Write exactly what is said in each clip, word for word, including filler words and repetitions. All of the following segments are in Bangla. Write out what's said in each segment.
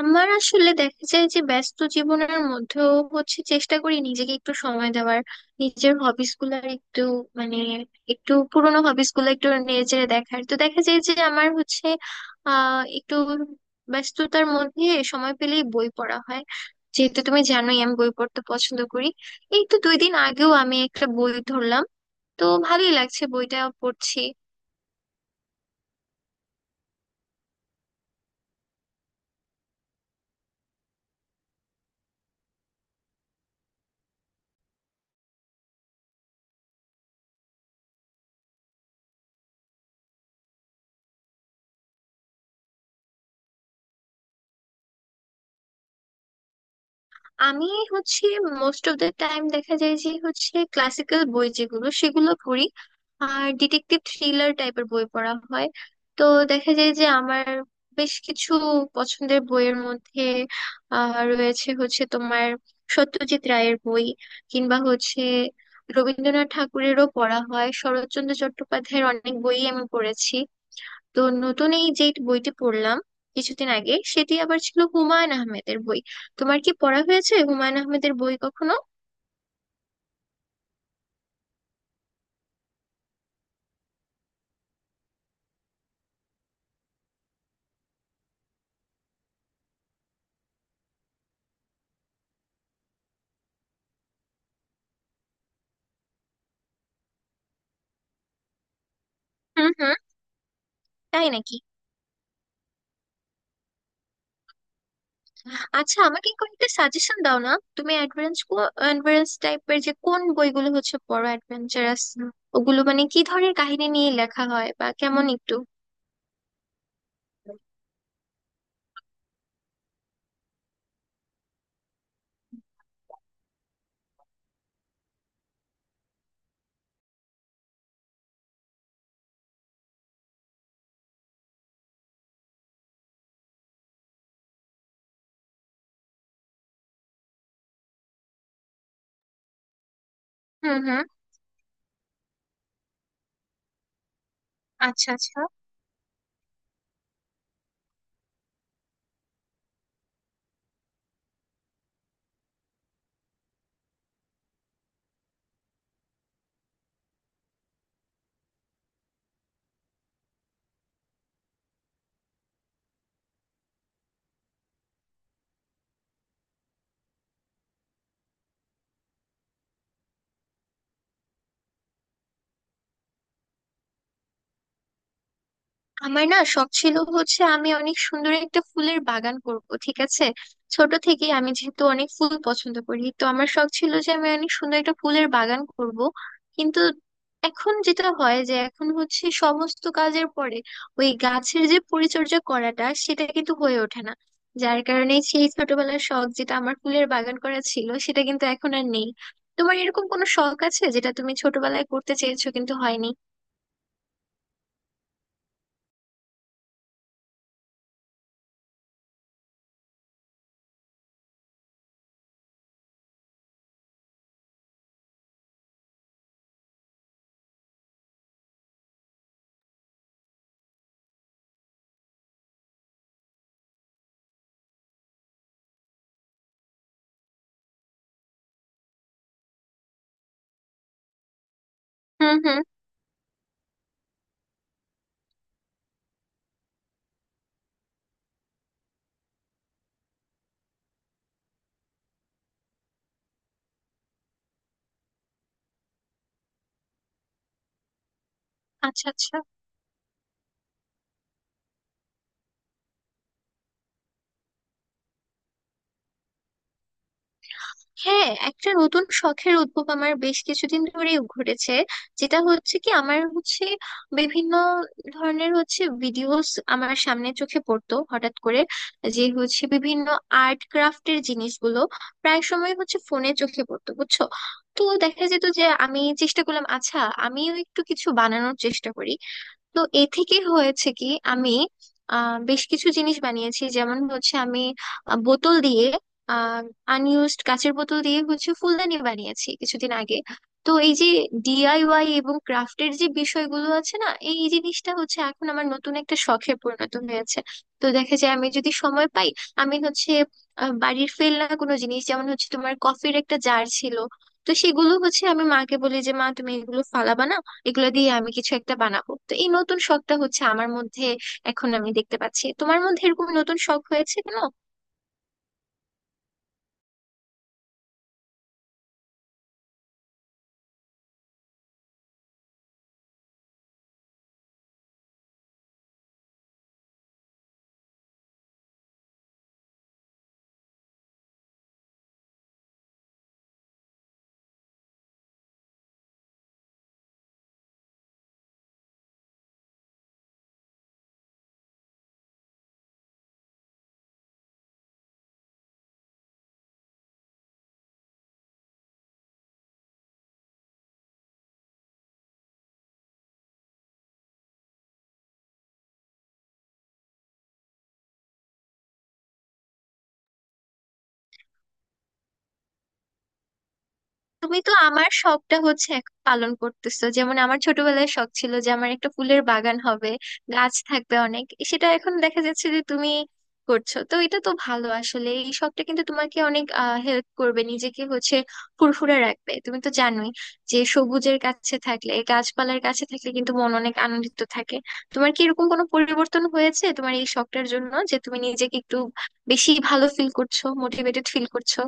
আমার আসলে দেখা যায় যে ব্যস্ত জীবনের মধ্যেও হচ্ছে চেষ্টা করি নিজেকে একটু সময় দেওয়ার, নিজের হবিস গুলার একটু মানে একটু পুরোনো হবিস গুলো একটু নেড়ে দেখার। তো দেখা যায় যে আমার হচ্ছে আহ একটু ব্যস্ততার মধ্যে সময় পেলেই বই পড়া হয়, যেহেতু তুমি জানোই আমি বই পড়তে পছন্দ করি। এই তো দুই দিন আগেও আমি একটা বই ধরলাম, তো ভালোই লাগছে বইটা পড়ছি। আমি হচ্ছে মোস্ট অফ দ্য টাইম দেখা যায় যে হচ্ছে ক্লাসিক্যাল বই যেগুলো সেগুলো পড়ি, আর ডিটেকটিভ থ্রিলার টাইপের বই পড়া হয়। তো দেখা যায় যে আমার বেশ কিছু পছন্দের বইয়ের মধ্যে আহ, রয়েছে হচ্ছে তোমার সত্যজিৎ রায়ের বই, কিংবা হচ্ছে রবীন্দ্রনাথ ঠাকুরেরও পড়া হয়, শরৎচন্দ্র চট্টোপাধ্যায়ের অনেক বই আমি পড়েছি। তো নতুন এই যে বইটি পড়লাম কিছুদিন আগে, সেটি আবার ছিল হুমায়ুন আহমেদের বই। তোমার কি পড়া হয়েছে হুমায়ুন আহমেদের বই কখনো? হুম হুম। তাই নাকি? আচ্ছা আমাকে কয়েকটা সাজেশন দাও না। তুমি অ্যাডভেঞ্চ অ্যাডভেঞ্চারাস টাইপের যে কোন বইগুলো হচ্ছে পড়ো অ্যাডভেঞ্চারাস, ওগুলো মানে কি ধরনের কাহিনী নিয়ে লেখা হয় বা কেমন একটু? হুম হুম। আচ্ছা আচ্ছা। আমার না শখ ছিল হচ্ছে আমি অনেক সুন্দর একটা ফুলের বাগান করব, ঠিক আছে? ছোট থেকেই আমি যেহেতু অনেক ফুল পছন্দ করি, তো আমার শখ ছিল যে আমি অনেক সুন্দর একটা ফুলের বাগান করব। কিন্তু এখন যেটা হয় যে এখন হচ্ছে সমস্ত কাজের পরে ওই গাছের যে পরিচর্যা করাটা সেটা কিন্তু হয়ে ওঠে না, যার কারণে সেই ছোটবেলার শখ যেটা আমার ফুলের বাগান করা ছিল সেটা কিন্তু এখন আর নেই। তোমার এরকম কোনো শখ আছে যেটা তুমি ছোটবেলায় করতে চেয়েছো কিন্তু হয়নি? হুম হুম। আচ্ছা আচ্ছা। হ্যাঁ, একটা নতুন শখের উদ্ভব আমার বেশ কিছুদিন ধরেই ঘটেছে, যেটা হচ্ছে কি আমার হচ্ছে বিভিন্ন ধরনের হচ্ছে ভিডিওস আমার সামনে চোখে পড়তো হঠাৎ করে, যে হচ্ছে বিভিন্ন আর্ট ক্রাফটের জিনিসগুলো প্রায় সময় হচ্ছে ফোনে চোখে পড়তো, বুঝছো? তো দেখা যেত যে আমি চেষ্টা করলাম আচ্ছা, আমিও একটু কিছু বানানোর চেষ্টা করি। তো এ থেকে হয়েছে কি আমি আহ, বেশ কিছু জিনিস বানিয়েছি, যেমন হচ্ছে আমি আহ, বোতল দিয়ে আনইউজড কাঁচের বোতল দিয়ে হচ্ছে ফুলদানি বানিয়েছি কিছুদিন আগে। তো এই যে ডিআইওয়াই এবং ক্রাফটের যে বিষয়গুলো আছে না, এই জিনিসটা হচ্ছে এখন আমার নতুন একটা শখে পরিণত হয়েছে। তো দেখা যায় আমি যদি সময় পাই, আমি হচ্ছে আহ, বাড়ির ফেলনা কোনো জিনিস যেমন হচ্ছে তোমার কফির একটা জার ছিল, তো সেগুলো হচ্ছে আমি মাকে বলি যে মা তুমি এগুলো ফালাবা না, এগুলো দিয়ে আমি কিছু একটা বানাবো। তো এই নতুন শখটা হচ্ছে আমার মধ্যে এখন আমি দেখতে পাচ্ছি। তোমার মধ্যে এরকম নতুন শখ হয়েছে কেন? তুমি তো আমার শখটা হচ্ছে এখন পালন করতেছো, যেমন আমার ছোটবেলায় শখ ছিল যে আমার একটা ফুলের বাগান হবে, গাছ থাকবে অনেক, সেটা এখন দেখা যাচ্ছে যে তুমি করছো। তো এটা তো ভালো, আসলে এই শখটা কিন্তু তোমাকে অনেক হেল্প করবে, নিজেকে হচ্ছে ফুরফুরে রাখবে। তুমি তো জানোই যে সবুজের কাছে থাকলে গাছপালার কাছে থাকলে কিন্তু মন অনেক আনন্দিত থাকে। তোমার কি এরকম কোনো পরিবর্তন হয়েছে তোমার এই শখটার জন্য যে তুমি নিজেকে একটু বেশি ভালো ফিল করছো, মোটিভেটেড ফিল করছো?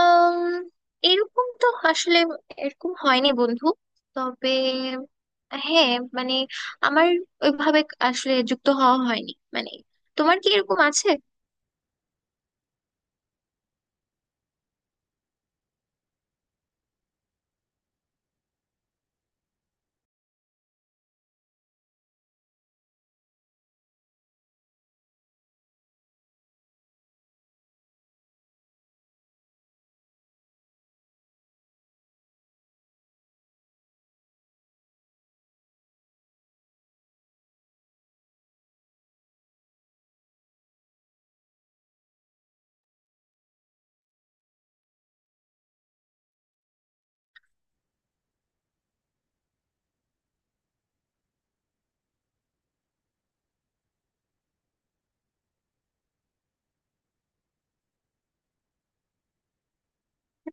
আম, এরকম তো আসলে এরকম হয়নি বন্ধু। তবে হ্যাঁ মানে আমার ওইভাবে আসলে যুক্ত হওয়া হয়নি মানে। তোমার কি এরকম আছে?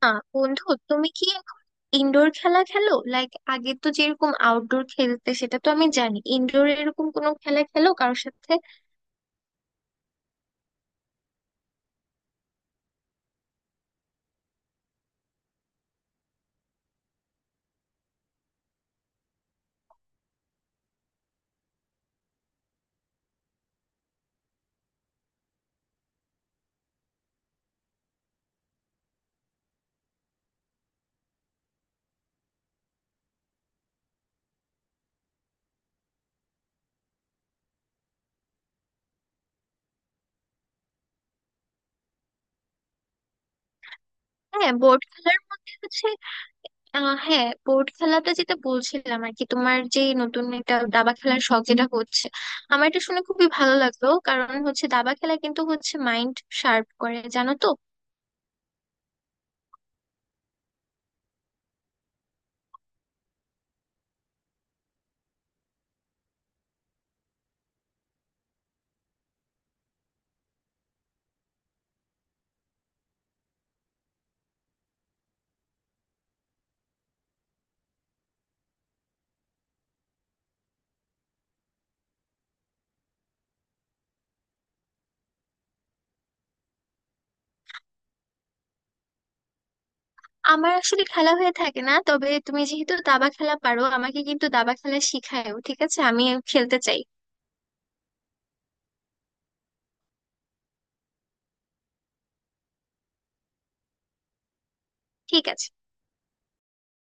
না বন্ধু, তুমি কি এখন ইনডোর খেলা খেলো? লাইক আগে তো যেরকম আউটডোর খেলতে সেটা তো আমি জানি, ইনডোর এরকম কোনো খেলা খেলো কারোর সাথে? হ্যাঁ বোর্ড খেলার মধ্যে হচ্ছে আহ হ্যাঁ বোর্ড খেলাটা যেটা বলছিলাম আর কি, তোমার যে নতুন একটা দাবা খেলার শখ যেটা হচ্ছে, আমার এটা শুনে খুবই ভালো লাগলো, কারণ হচ্ছে দাবা খেলা কিন্তু হচ্ছে মাইন্ড শার্প করে, জানো তো। আমার আসলে খেলা হয়ে থাকে না, তবে তুমি যেহেতু দাবা খেলা পারো, আমাকে কিন্তু দাবা খেলা শিখায়ও, ঠিক আছে? আমি খেলতে চাই, ঠিক আছে।